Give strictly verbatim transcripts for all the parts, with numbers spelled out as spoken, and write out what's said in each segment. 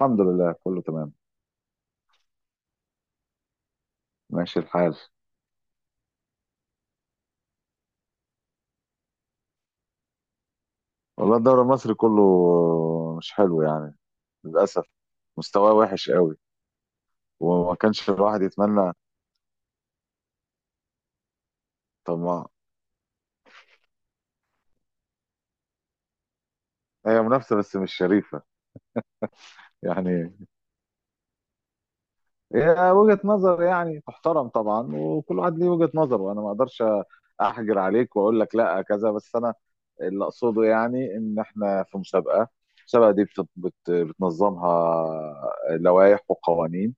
الحمد لله كله تمام. ماشي الحال. والله الدوري المصري كله مش حلو، يعني للأسف، مستواه وحش قوي وما كانش الواحد يتمنى. طب ما هي منافسة بس مش شريفة. يعني هي وجهة نظر يعني تحترم طبعا، وكل واحد ليه وجهة نظر، وأنا ما أقدرش أحجر عليك وأقول لك لا كذا. بس أنا اللي أقصده يعني إن إحنا في مسابقة، المسابقة دي بت- بت- بتنظمها لوائح وقوانين.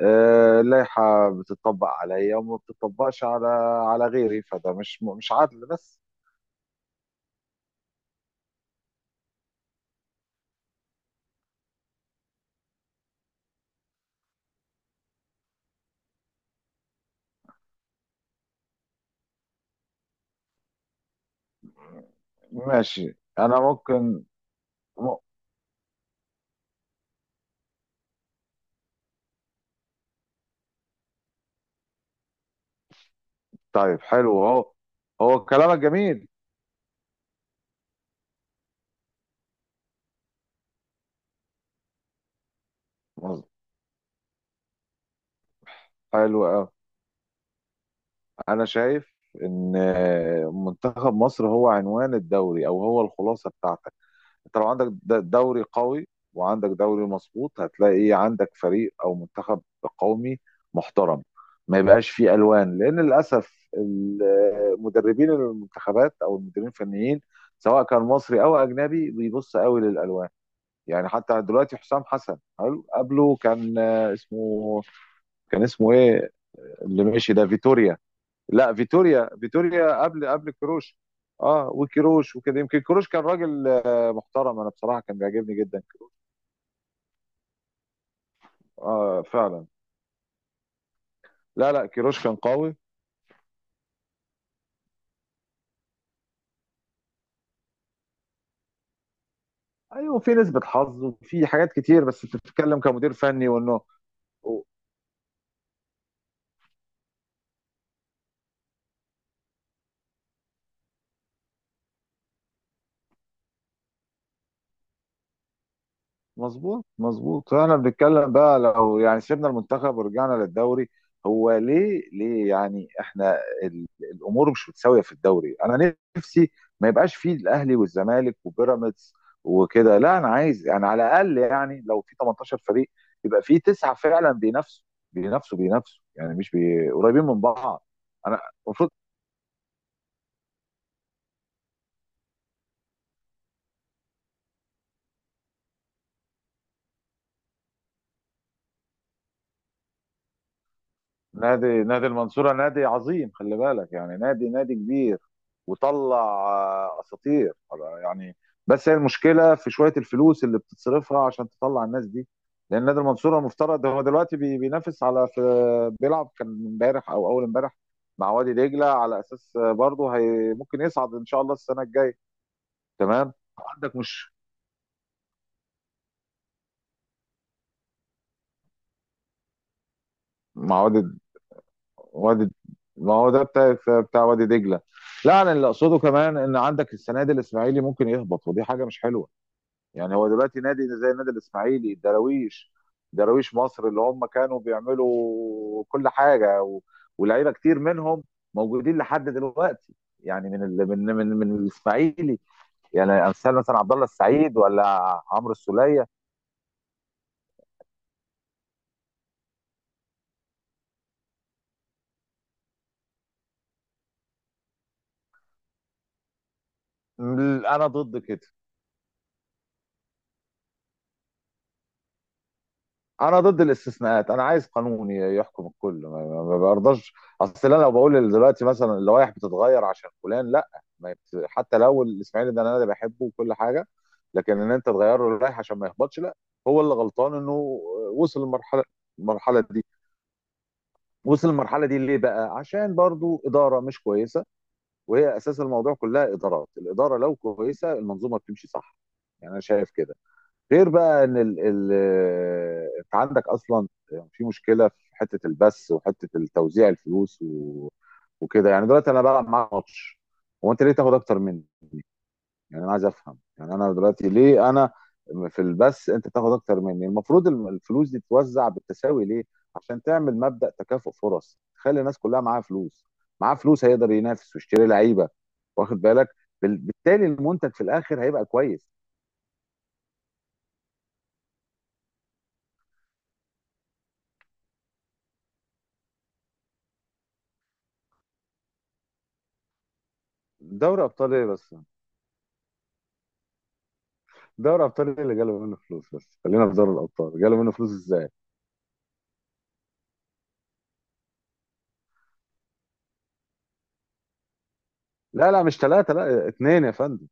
آه، اللائحة بتطبق عليا وما بتطبقش على على غيري، فده مش مش عدل بس. ماشي، أنا ممكن. م- طيب، حلو. هو هو كلامك جميل. مظ- حلو أوي. أنا شايف إن آه، منتخب مصر هو عنوان الدوري، أو هو الخلاصة بتاعتك. انت لو عندك د- دوري قوي وعندك دوري مظبوط، هتلاقي إيه، عندك فريق او منتخب قومي محترم. ما يبقاش فيه الوان، لان للاسف ال- مدربين المنتخبات او المدربين الفنيين سواء كان مصري او اجنبي بيبص قوي للالوان. يعني حتى دلوقتي حسام حسن حلو، قبله كان آه، اسمه، كان اسمه ايه؟ اللي ماشي ده فيتوريا. لا فيتوريا، فيتوريا قبل قبل كروش. اه، وكروش وكده، يمكن كروش كان راجل آه، محترم، انا بصراحه كان بيعجبني جدا. اه فعلا. لا لا، كروش كان قوي. ايوه، في نسبه حظ وفي حاجات كتير، بس بتتكلم كمدير فني وانه مظبوط. مظبوط، فاحنا بنتكلم بقى لو يعني سيبنا المنتخب ورجعنا للدوري. هو ليه؟ ليه يعني احنا ال- الامور مش متساويه في الدوري. انا نفسي ما يبقاش فيه الاهلي والزمالك وبيراميدز وكده. لا انا عايز يعني على الاقل يعني لو في ثمانية عشر فريق، يبقى في تسعه فعلا بينافسوا بينافسوا بينافسوا، يعني مش بي... قريبين من بعض. انا المفروض نادي، نادي المنصورة نادي عظيم، خلي بالك، يعني نادي، نادي كبير وطلع آه، اساطير يعني. بس هي المشكلة في شوية الفلوس اللي بتتصرفها عشان تطلع الناس دي، لان نادي المنصورة المفترض هو دلوقتي بي- بينافس على في آه، بيلعب كان امبارح او اول امبارح مع وادي دجلة، على اساس آه، برضه هي ممكن يصعد ان شاء الله السنة الجاية. تمام. عندك مش مع وادي، وادي، ما هو ده بتاع بتاع وادي دجله. لا انا اللي اقصده كمان ان عندك السنه دي الاسماعيلي ممكن يهبط، ودي حاجه مش حلوه. يعني هو دلوقتي نادي زي النادي الاسماعيلي، الدراويش، دراويش مصر، اللي هم كانوا بيعملوا كل حاجه و... ولاعيبه كتير منهم موجودين لحد دلوقتي. يعني من ال... من من من الاسماعيلي، يعني امثال مثلا عبد الله السعيد، ولا عمرو السوليه. م- انا ضد كده. انا ضد الاستثناءات، انا عايز قانون ي- يحكم الكل. ما ما- ما برضاش. اصل انا لو بقول دلوقتي مثلا اللوائح بتتغير عشان فلان، لا. ما يت- حتى لو الاسماعيلي ده انا اللي بحبه وكل حاجه، لكن ان انت تغير له اللائحه عشان ما يهبطش، لا. هو اللي غلطان انه وصل للمرحله، المرحله دي. وصل المرحله دي ليه بقى؟ عشان برضو اداره مش كويسه، وهي اساس الموضوع كلها، ادارات. الاداره لو كويسه المنظومه بتمشي صح. يعني انا شايف كده. غير بقى ان ال ال انت عندك اصلا في مشكله في حته البث وحته التوزيع، الفلوس و... وكده. يعني دلوقتي انا بلعب معاك ماتش، هو انت ليه تاخد اكتر مني؟ يعني انا عايز افهم، يعني انا دلوقتي ليه انا في البث انت تاخد اكتر مني؟ المفروض الم- الفلوس دي تتوزع بالتساوي، ليه؟ عشان تعمل مبدأ تكافؤ فرص، تخلي الناس كلها معاها فلوس، معاه فلوس هيقدر ينافس ويشتري لعيبه. واخد بالك؟ بال- بالتالي المنتج في الاخر هيبقى كويس. دوري ابطال ايه بس؟ دوري ابطال إيه اللي جاله منه فلوس؟ بس خلينا في دوري الابطال، جاله منه فلوس ازاي؟ لا لا، مش ثلاثه، لا اثنين يا فندم.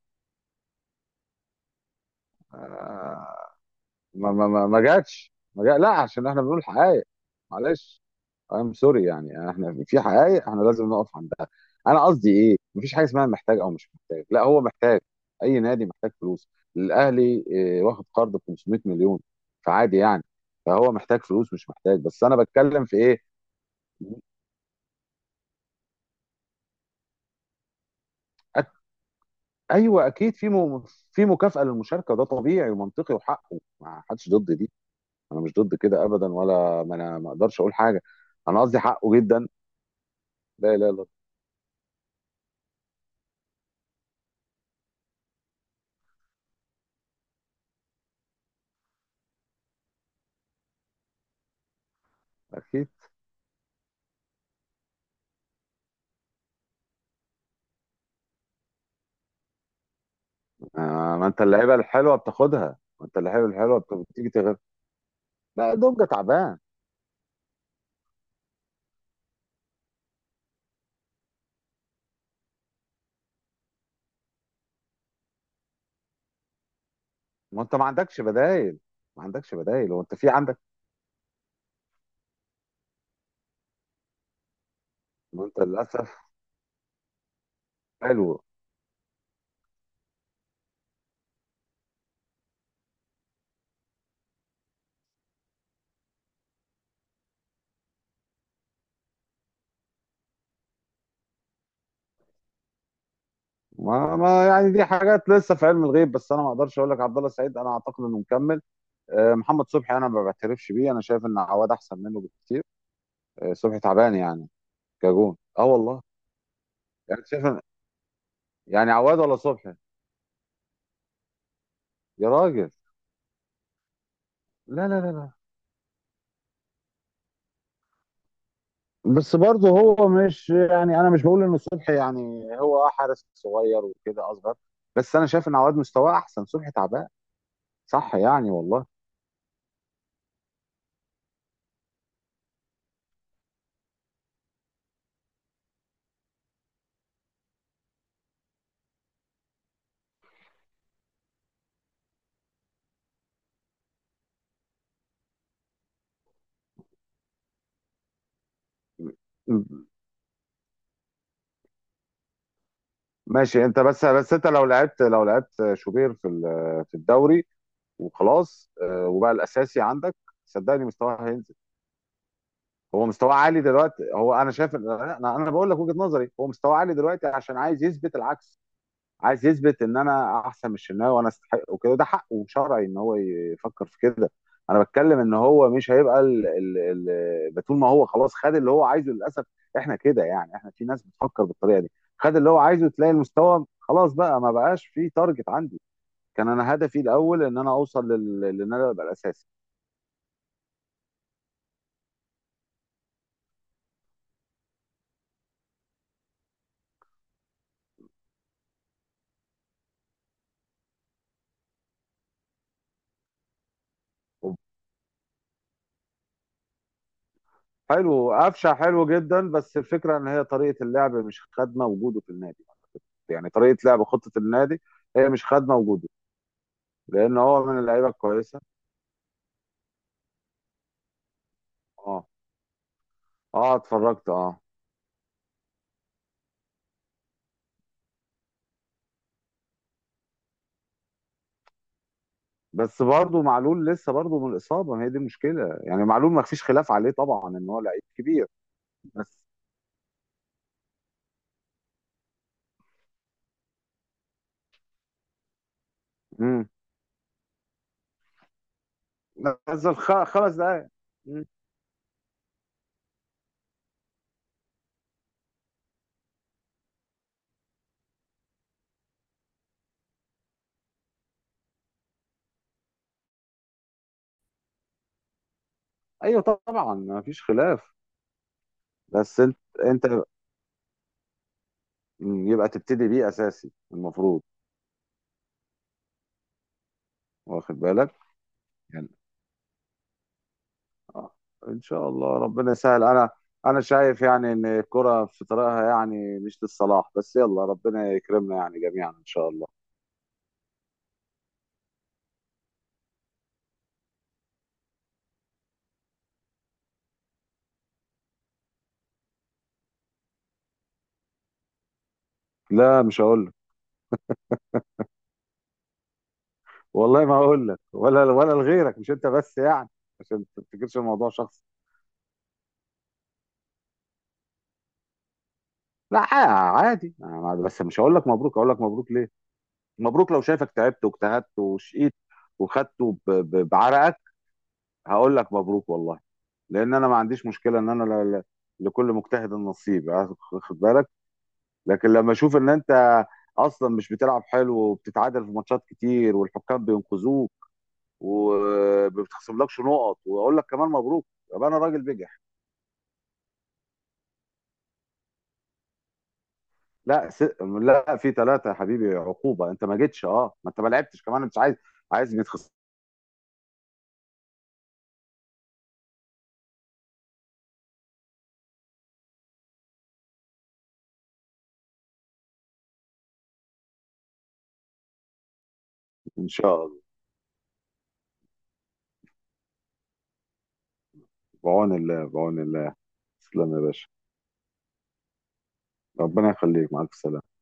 آه، ما ما ما ما جاتش، ما جا... لا، عشان احنا بنقول حقائق، معلش. ام سوري، يعني احنا في حقائق احنا لازم نقف عندها. انا قصدي ايه؟ مفيش حاجه اسمها محتاج او مش محتاج، لا هو محتاج. اي نادي محتاج فلوس. الاهلي آه، واخد قرض ب خمسمائة مليون، فعادي يعني. فهو محتاج فلوس، مش محتاج. بس انا بتكلم في ايه؟ ايوه اكيد في م... في مكافاه للمشاركه، ده طبيعي ومنطقي وحقه، ما حدش ضد دي. انا مش ضد كده ابدا، ولا ما انا ما اقدرش اقول حاجه. انا قصدي حقه جدا. لا لا لا. اكيد. آه، ما انت اللعيبه الحلوه بتاخدها، ما انت اللعيبه الحلوه بت- بتيجي تغير. لا دونجا تعبان. ما انت ما عندكش بدايل. ما عندكش بدايل، هو انت في عندك؟ ما انت للاسف. حلو. ما, ما يعني دي حاجات لسه في علم الغيب. بس انا ما اقدرش اقول لك عبد الله السعيد انا اعتقد انه مكمل. آه، محمد صبحي انا ما بعترفش بيه، انا شايف ان عواد احسن منه بكتير. صبحي تعبان يعني. كجون، اه والله. يعني شايف أنا-. يعني عواد ولا صبحي؟ يا راجل. لا لا لا لا. بس برضه هو مش، يعني انا مش بقول ان صبحي يعني، هو حارس صغير وكده اصغر. بس انا شايف ان عواد مستواه احسن، صبحي تعبان. صح، يعني والله. م- ماشي. انت بس بس انت لو لعبت، لو لعبت شوبير في ال- في الدوري، وخلاص آه، وبقى الاساسي عندك، صدقني مستواه هينزل. هو مستواه عالي دلوقتي. هو انا شايف، انا انا بقول لك وجهة نظري، هو مستواه عالي دلوقتي عشان عايز يثبت العكس. عايز يثبت ان انا احسن من الشناوي وانا استحق وكده. ده حقه شرعي ان هو يفكر في كده. انا بتكلم ان هو مش هيبقى ال... ال... ال... طول ما هو خلاص خد اللي هو عايزه، للاسف احنا كده. يعني احنا في ناس بتفكر بالطريقه دي. خد اللي هو عايزه، تلاقي المستوى خلاص، بقى ما بقاش في تارجت عندي. كان انا هدفي الاول ان انا اوصل لل... لان انا ابقى الاساسي. حلو، قفشه حلو جدا. بس الفكره ان هي طريقه اللعب مش خادمه وجوده في النادي. يعني طريقه لعب خطه النادي هي مش خادمه وجوده، لان هو من اللعيبه الكويسه. اه. اه اتفرجت، اه. بس برضه معلول لسه برضه من الاصابه، ما هي دي المشكله. يعني معلول ما فيش خلاف عليه طبعا، ان هو لعيب كبير. بس، امم، نزل خ- خمس دقائق. مم. ايوه طبعا، ما فيش خلاف. بس انت، انت مم، يبقى تبتدي بيه اساسي المفروض. واخد بالك؟ يعني آه، ان شاء الله ربنا يسهل. انا انا شايف يعني ان الكرة في طريقها، يعني مش للصلاح بس، يلا ربنا يكرمنا يعني جميعا ان شاء الله. لا مش هقول لك. والله ما هقول لك ولا ولا لغيرك، مش انت بس يعني. عشان ما تفتكرش الموضوع شخصي. لا، ع- عادي. أنا بس مش هقول لك مبروك. هقول لك مبروك ليه؟ مبروك لو شايفك تعبت واجتهدت وشقيت وخدته ب- ب- بعرقك، هقول لك مبروك والله. لان انا ما عنديش مشكله ان انا ل- ل- لكل مجتهد نصيب، واخد بالك. لكن لما اشوف ان انت اصلا مش بتلعب حلو، وبتتعادل في ماتشات كتير والحكام بينقذوك وما بتخصملكش نقط، واقول لك كمان مبروك، يبقى انا راجل بجح. لا س... لا، في ثلاثه يا حبيبي، عقوبه. انت ما جيتش، اه، ما انت ما لعبتش كمان. مش عايز، عايز يتخصم. ان شاء الله. بعون الله، بعون الله. تسلم يا باشا. ربنا يخليك، مع الف سلامه.